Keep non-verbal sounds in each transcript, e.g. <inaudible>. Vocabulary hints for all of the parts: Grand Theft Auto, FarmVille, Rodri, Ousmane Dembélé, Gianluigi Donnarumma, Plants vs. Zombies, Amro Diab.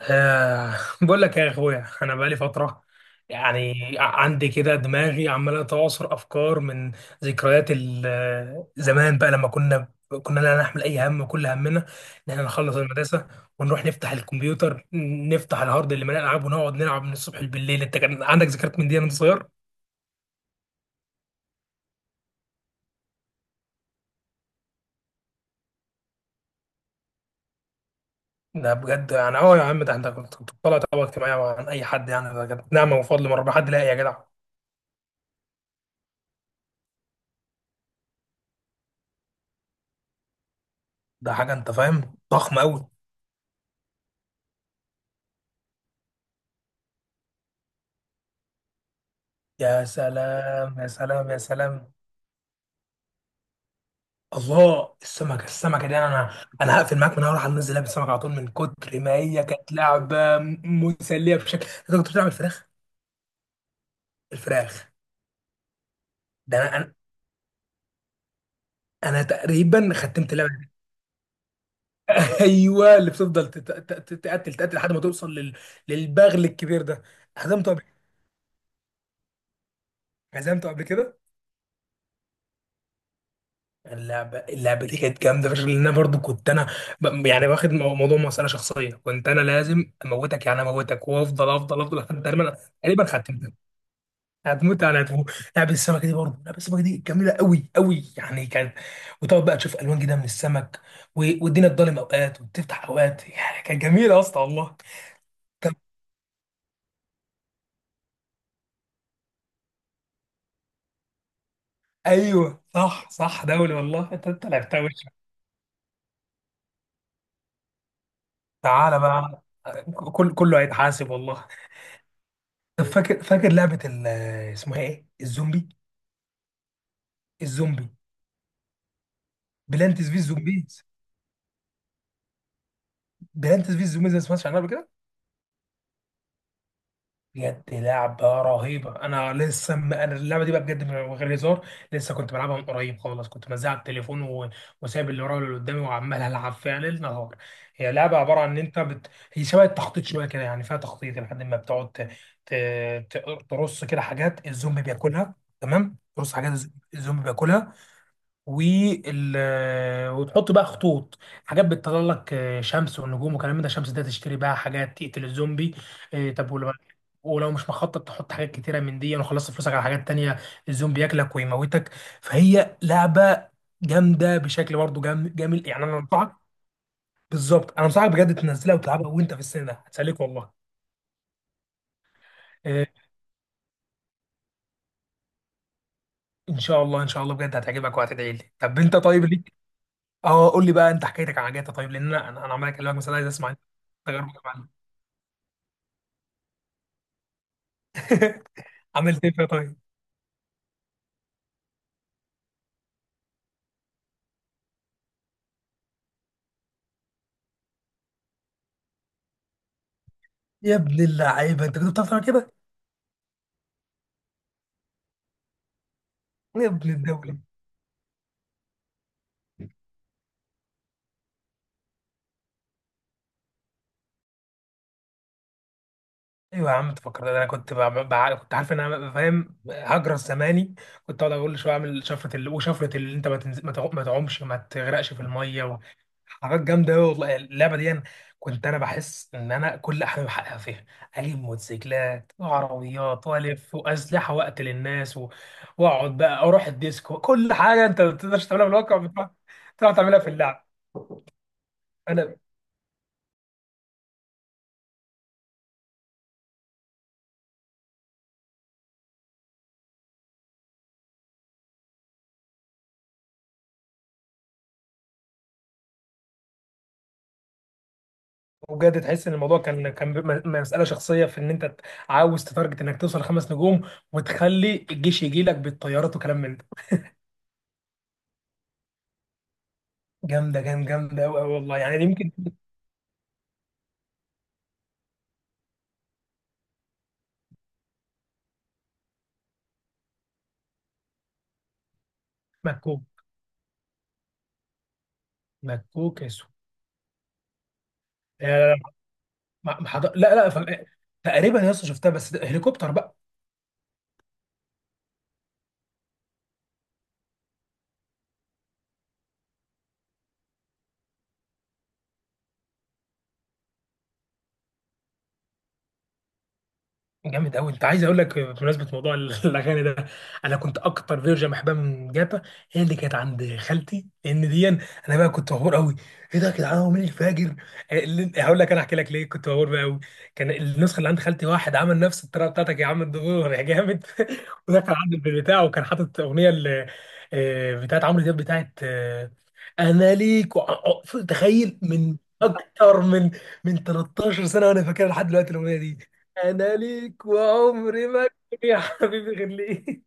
آه، بقول لك يا اخويا انا بقالي فتره يعني عندي كده دماغي عماله تعصر افكار من ذكريات زمان بقى لما كنا لا نحمل اي هم، كل همنا ان احنا نخلص المدرسه ونروح نفتح الكمبيوتر نفتح الهارد اللي مليان العاب ونقعد نلعب من الصبح بالليل. انت كان عندك ذكريات من دي وانت صغير؟ ده بجد يعني اه يا عم، ده انت كنت طالع طبقه اجتماعيه عن اي حد يعني. ده كانت نعمه وفضل من ربنا، حد لاقي يا جدع؟ ده حاجه انت فاهم ضخمه قوي. يا سلام يا سلام يا سلام. الله، السمكه، السمكه دي انا هقفل معاك، من اول هنزل لعبه السمكه على طول، من كتر ما هي كانت لعبه مسليه بشكل. انت كنت بتلعب الفراخ؟ الفراخ، ده انا أنا تقريبا ختمت اللعبه دي. <laughs> ايوه، اللي بتفضل تقتل تقتل لحد ما توصل لل... للبغل الكبير ده. هزمته قبل هزمته قبل كده. اللعبه دي كانت جامده فشخ، لان انا برضو كنت انا يعني واخد موضوع مساله شخصيه. كنت انا لازم اموتك، يعني اموتك وافضل افضل افضل لحد تقريبا ختمتها. هتموت. لعبة السمكة دي برضه، لعبة السمكة دي جميلة قوي قوي يعني، كانت وتقعد بقى تشوف ألوان جديدة من السمك والدنيا تضلم أوقات وتفتح أوقات، يعني كانت جميلة يا اسطى والله. طب، أيوه صح صح، دولي والله، أنت لعبتها وش. تعالى بقى، كل كله هيتحاسب والله. طب فاكر لعبة اسمها إيه؟ الزومبي. الزومبي، بلانتس في الزومبيز. ما سمعتش عنها قبل كده؟ بجد لعبة رهيبة. أنا لسه أنا اللعبة دي بقى بجد من غير هزار، لسه كنت بلعبها من قريب خالص، كنت منزلها على التليفون وسايب اللي ورايا واللي قدامي، وعمال ألعب فيها ليل نهار. هي لعبة عبارة عن إن أنت هي شبه التخطيط شوية كده، يعني فيها تخطيط، لحد ما بتقعد ت... ت- ترص كده حاجات الزومبي بياكلها. تمام، ترص حاجات الزومبي بياكلها. وال وتحط بقى خطوط، حاجات بتطلع لك، شمس والنجوم وكلام من ده. الشمس ده تشتري بقى حاجات تقتل الزومبي. طب، ولو مش مخطط تحط حاجات كتيره من دي وخلصت فلوسك على حاجات تانية، الزومبي ياكلك ويموتك. فهي لعبه جامده بشكل، برضه جامد، يعني انا انصحك. بالظبط، انا انصحك بجد تنزلها وتلعبها، وانت في السن ده هتسليك والله. آه، ان شاء الله ان شاء الله، بجد هتعجبك وهتدعي لي. طب انت طيب ليك. اه، قول لي بقى انت حكايتك عن جاتا طيب، لان انا عمال اكلمك مثلا، عايز اسمع تجربتك. عملت ايه فيها طيب؟ يا ابن اللعيبه، انت كنت بتعرف تعمل كده؟ يا ابن الدوله. ايوه يا عم، انت فكرت انا كنت كنت عارف ان انا فاهم، هجرس زماني. كنت اقعد اقول شويه، اعمل شفره وشفره اللي انت ما تعومش، ما تغرقش في الميه حاجات جامده قوي والله. اللعبه دي أنا كنت انا بحس ان انا كل احلامي بحققها فيها. اجيب موتوسيكلات وعربيات والف واسلحه واقتل الناس واقعد بقى اروح الديسكو، كل حاجه انت ما بتقدرش تعملها في الواقع، بتروح تعملها في اللعب. انا، وبجد تحس ان الموضوع كان مساله شخصيه في ان انت عاوز تتارجت انك توصل خمس نجوم، وتخلي الجيش يجي لك بالطيارات وكلام من ده. جامده جامده جامده قوي والله، يعني دي يمكن. مكوك. مكوك يا سو. لا لا لا، ما- ما حض- لا- لا، ف- تقريبا يا اسطى شفتها، بس ده هليكوبتر بقى. جامد قوي. انت عايز اقول لك بمناسبه موضوع <laughs> الاغاني ده، انا كنت اكتر فيرجن بحبها من جاتا هي اللي كانت عند خالتي، لان دي انا بقى كنت مبهور قوي. ايه ده يا جدعان، هو مين الفاجر؟ هقول لك انا، احكي لك ليه كنت مبهور بقى قوي. كان النسخه اللي عند خالتي، واحد عمل نفس الطريقه بتاعتك يا عم الدكتور، يا جامد. <laughs> ودخل عند البيت بتاعه، وكان حاطط اغنيه بتاعت عمرو دياب، بتاعت، انا ليك تخيل، من اكتر من من 13 سنه وانا فاكرها لحد دلوقتي الاغنيه. انا ليك وعمري ما أكتب يا حبيبي غير ليك.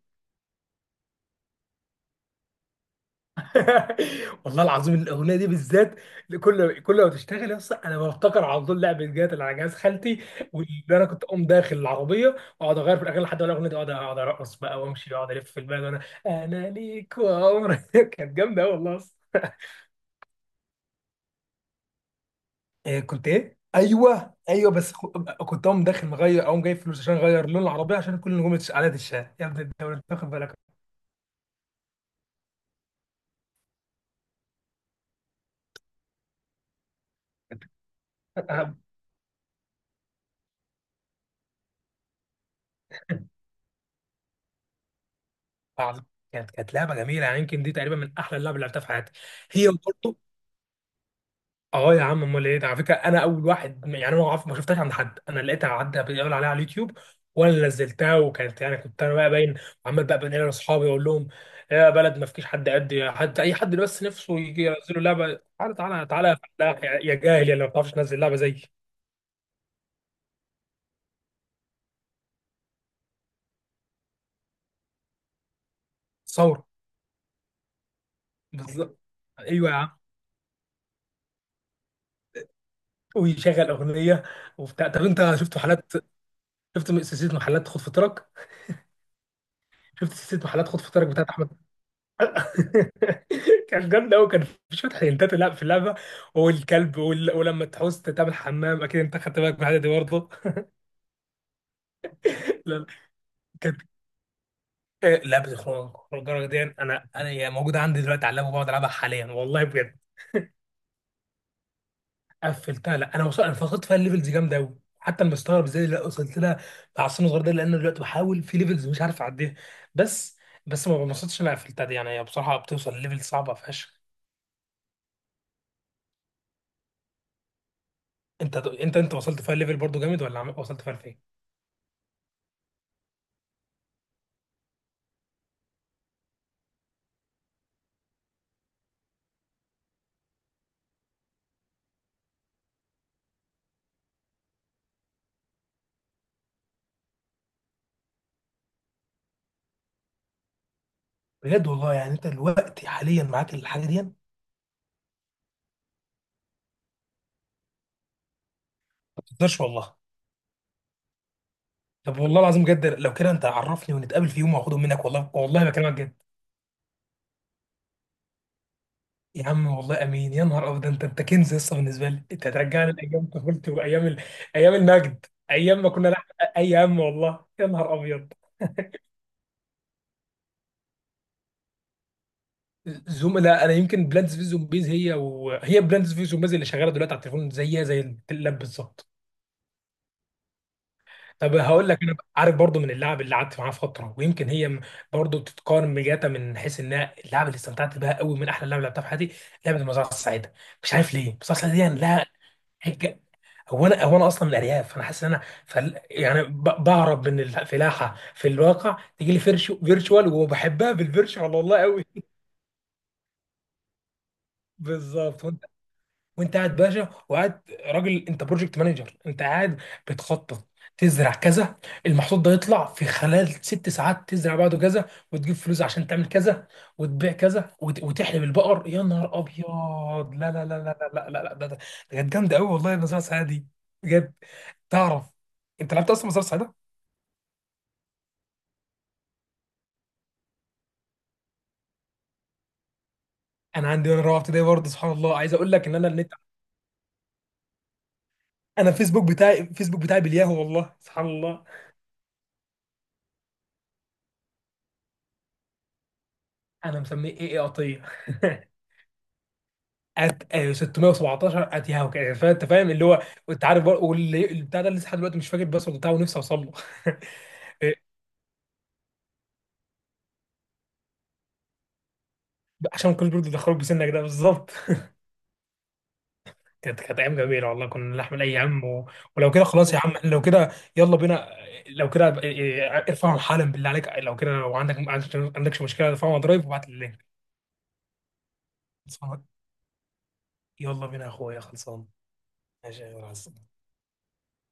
<laughs> والله العظيم الاغنيه دي بالذات، كل ما تشتغل يا اسطى، انا بفتكر على طول لعبه جات اللي على جهاز خالتي، واللي انا كنت اقوم داخل العربيه واقعد اغير في الاغاني لحد ما الاغنيه دي، اقعد ارقص بقى وامشي واقعد الف في البلد، وانا انا ليك وعمري <laughs> كانت جامده قوي والله يا اسطى. <laughs> إيه، كنت ايه؟ ايوه ايوه، بس كنت اقوم داخل مغير، اقوم جايب فلوس عشان اغير لون العربيه عشان كل نجوم على الشاه، يا ابن الدوله انت واخد بالك؟ <laughs> عظيم. كانت لعبه جميله، يعني يمكن دي تقريبا من احلى اللعب اللي لعبتها في حياتي. هي، وبرضه اه يا عم امال ايه ده. على فكره انا اول واحد، يعني انا ما شفتهاش عند حد، انا لقيتها، عدى بيقول عليها على اليوتيوب، وانا اللي نزلتها. وكانت يعني كنت انا بقى باين، عمال بقى بنقل لاصحابي، اقول لهم يا بلد ما فيش حد قد حد، اي حد بس نفسه يجي ينزلوا لعبه، تعالى تعالى تعالى لا، يا جاهل يا اللي ما بتعرفش تنزل لعبه زي ثوره. بالظبط، ايوه يا عم. ويشغل اغنيه وبتاع. طب انت شفت سلسله محلات خد فطرك؟ شفت سلسله محلات خد فطارك بتاعت احمد؟ <laughs> كان جامد قوي، كان في شويه حيلتات لا في اللعبه، والكلب ولما تحوس تعمل حمام، اكيد انت خدت بالك من الحاجه دي برضه. <laughs> لا لا. كانت لعبه الخروج الجرة دي، انا هي موجوده عندي دلوقتي على اللاب، وبقعد العبها حاليا والله بجد. قفلتها، لا انا وصلت، انا فقدت فيها الليفلز. جامده قوي، حتى انا مستغرب ازاي لا وصلت لها مع السن الصغير ده، لان أنا دلوقتي بحاول في ليفلز مش عارف اعديها. بس ما بنبسطش إن انا قفلتها دي، يعني هي بصراحه بتوصل ليفل صعبه فشخ. انت انت وصلت فيها ليفل برضو جامد، ولا وصلت فيها لفين؟ بجد والله، يعني انت دلوقتي حاليا معاك الحاجه دي ما تقدرش والله؟ طب والله العظيم بجد لو كده، انت عرفني ونتقابل في يوم واخدهم منك، والله والله بكلمك جد. يا عم والله امين، يا نهار ابيض ده، انت كنز لسه بالنسبه لي، انت هترجعني لايام طفولتي وايام ايام المجد، ايام ما كنا نحقق اي هم، والله يا نهار ابيض. زوم، لا انا يمكن بلانتس في زومبيز، هي، وهي بلانتس في زومبيز اللي شغاله دلوقتي على التليفون زيها زي اللاب بالظبط. طب هقول لك انا عارف برضو من اللاعب اللي قعدت معاه فتره، ويمكن هي برضو بتتقارن بجاتا من حيث انها اللاعب اللي استمتعت بها قوي، من احلى لعبه لعبتها في حياتي، لعبه المزرعه السعيده. مش عارف ليه المزرعه السعيده دي يعني لها حاجه. هو انا اصلا من الارياف، فانا حاسس ان انا يعني بهرب من الفلاحه في الواقع، تيجي لي فيرتشوال، وبحبها بالفيرتشوال والله قوي. <laughs> بالظبط. وانت قاعد باشا وقاعد راجل، انت بروجكت مانجر، انت قاعد بتخطط تزرع كذا، المحصول ده يطلع في خلال ست ساعات، تزرع بعده كذا وتجيب فلوس عشان تعمل كذا وتبيع كذا وتحلب البقر، يا نهار ابيض، لا لا لا لا لا لا لا لا، ده ده ده كانت جامده قوي والله النظاره السعيده دي. بجد تعرف، انت لعبت اصلا نظاره سعيده؟ انا عندي وانا رابعه ابتدائي برضه، سبحان الله، عايز اقول لك ان انا النت. انا الفيسبوك بتاعي، بالياهو والله، سبحان الله. انا مسميه ايه، قطيه <laughs> ات 617 اتيهاو كده، فانت فاهم اللي هو، انت عارف بقى، واللي البتاع ده لسه لحد دلوقتي مش فاكر الباسورد بتاعه، ونفسي اوصل له. <laughs> إيه، عشان كل برضه دخلوك بسنك ده بالظبط. كانت ايام جميله والله، كنا نحمل اي هم ولو كده خلاص يا عم، إحنا لو كده يلا بينا. لو كده إيه، ارفعهم حالا بالله عليك، لو كده، لو عندك ما عندكش مشكله ارفعهم على درايف وابعت لي اللينك. خلصان. يلا بينا يا اخويا، خلصان. ماشي يا جماعة.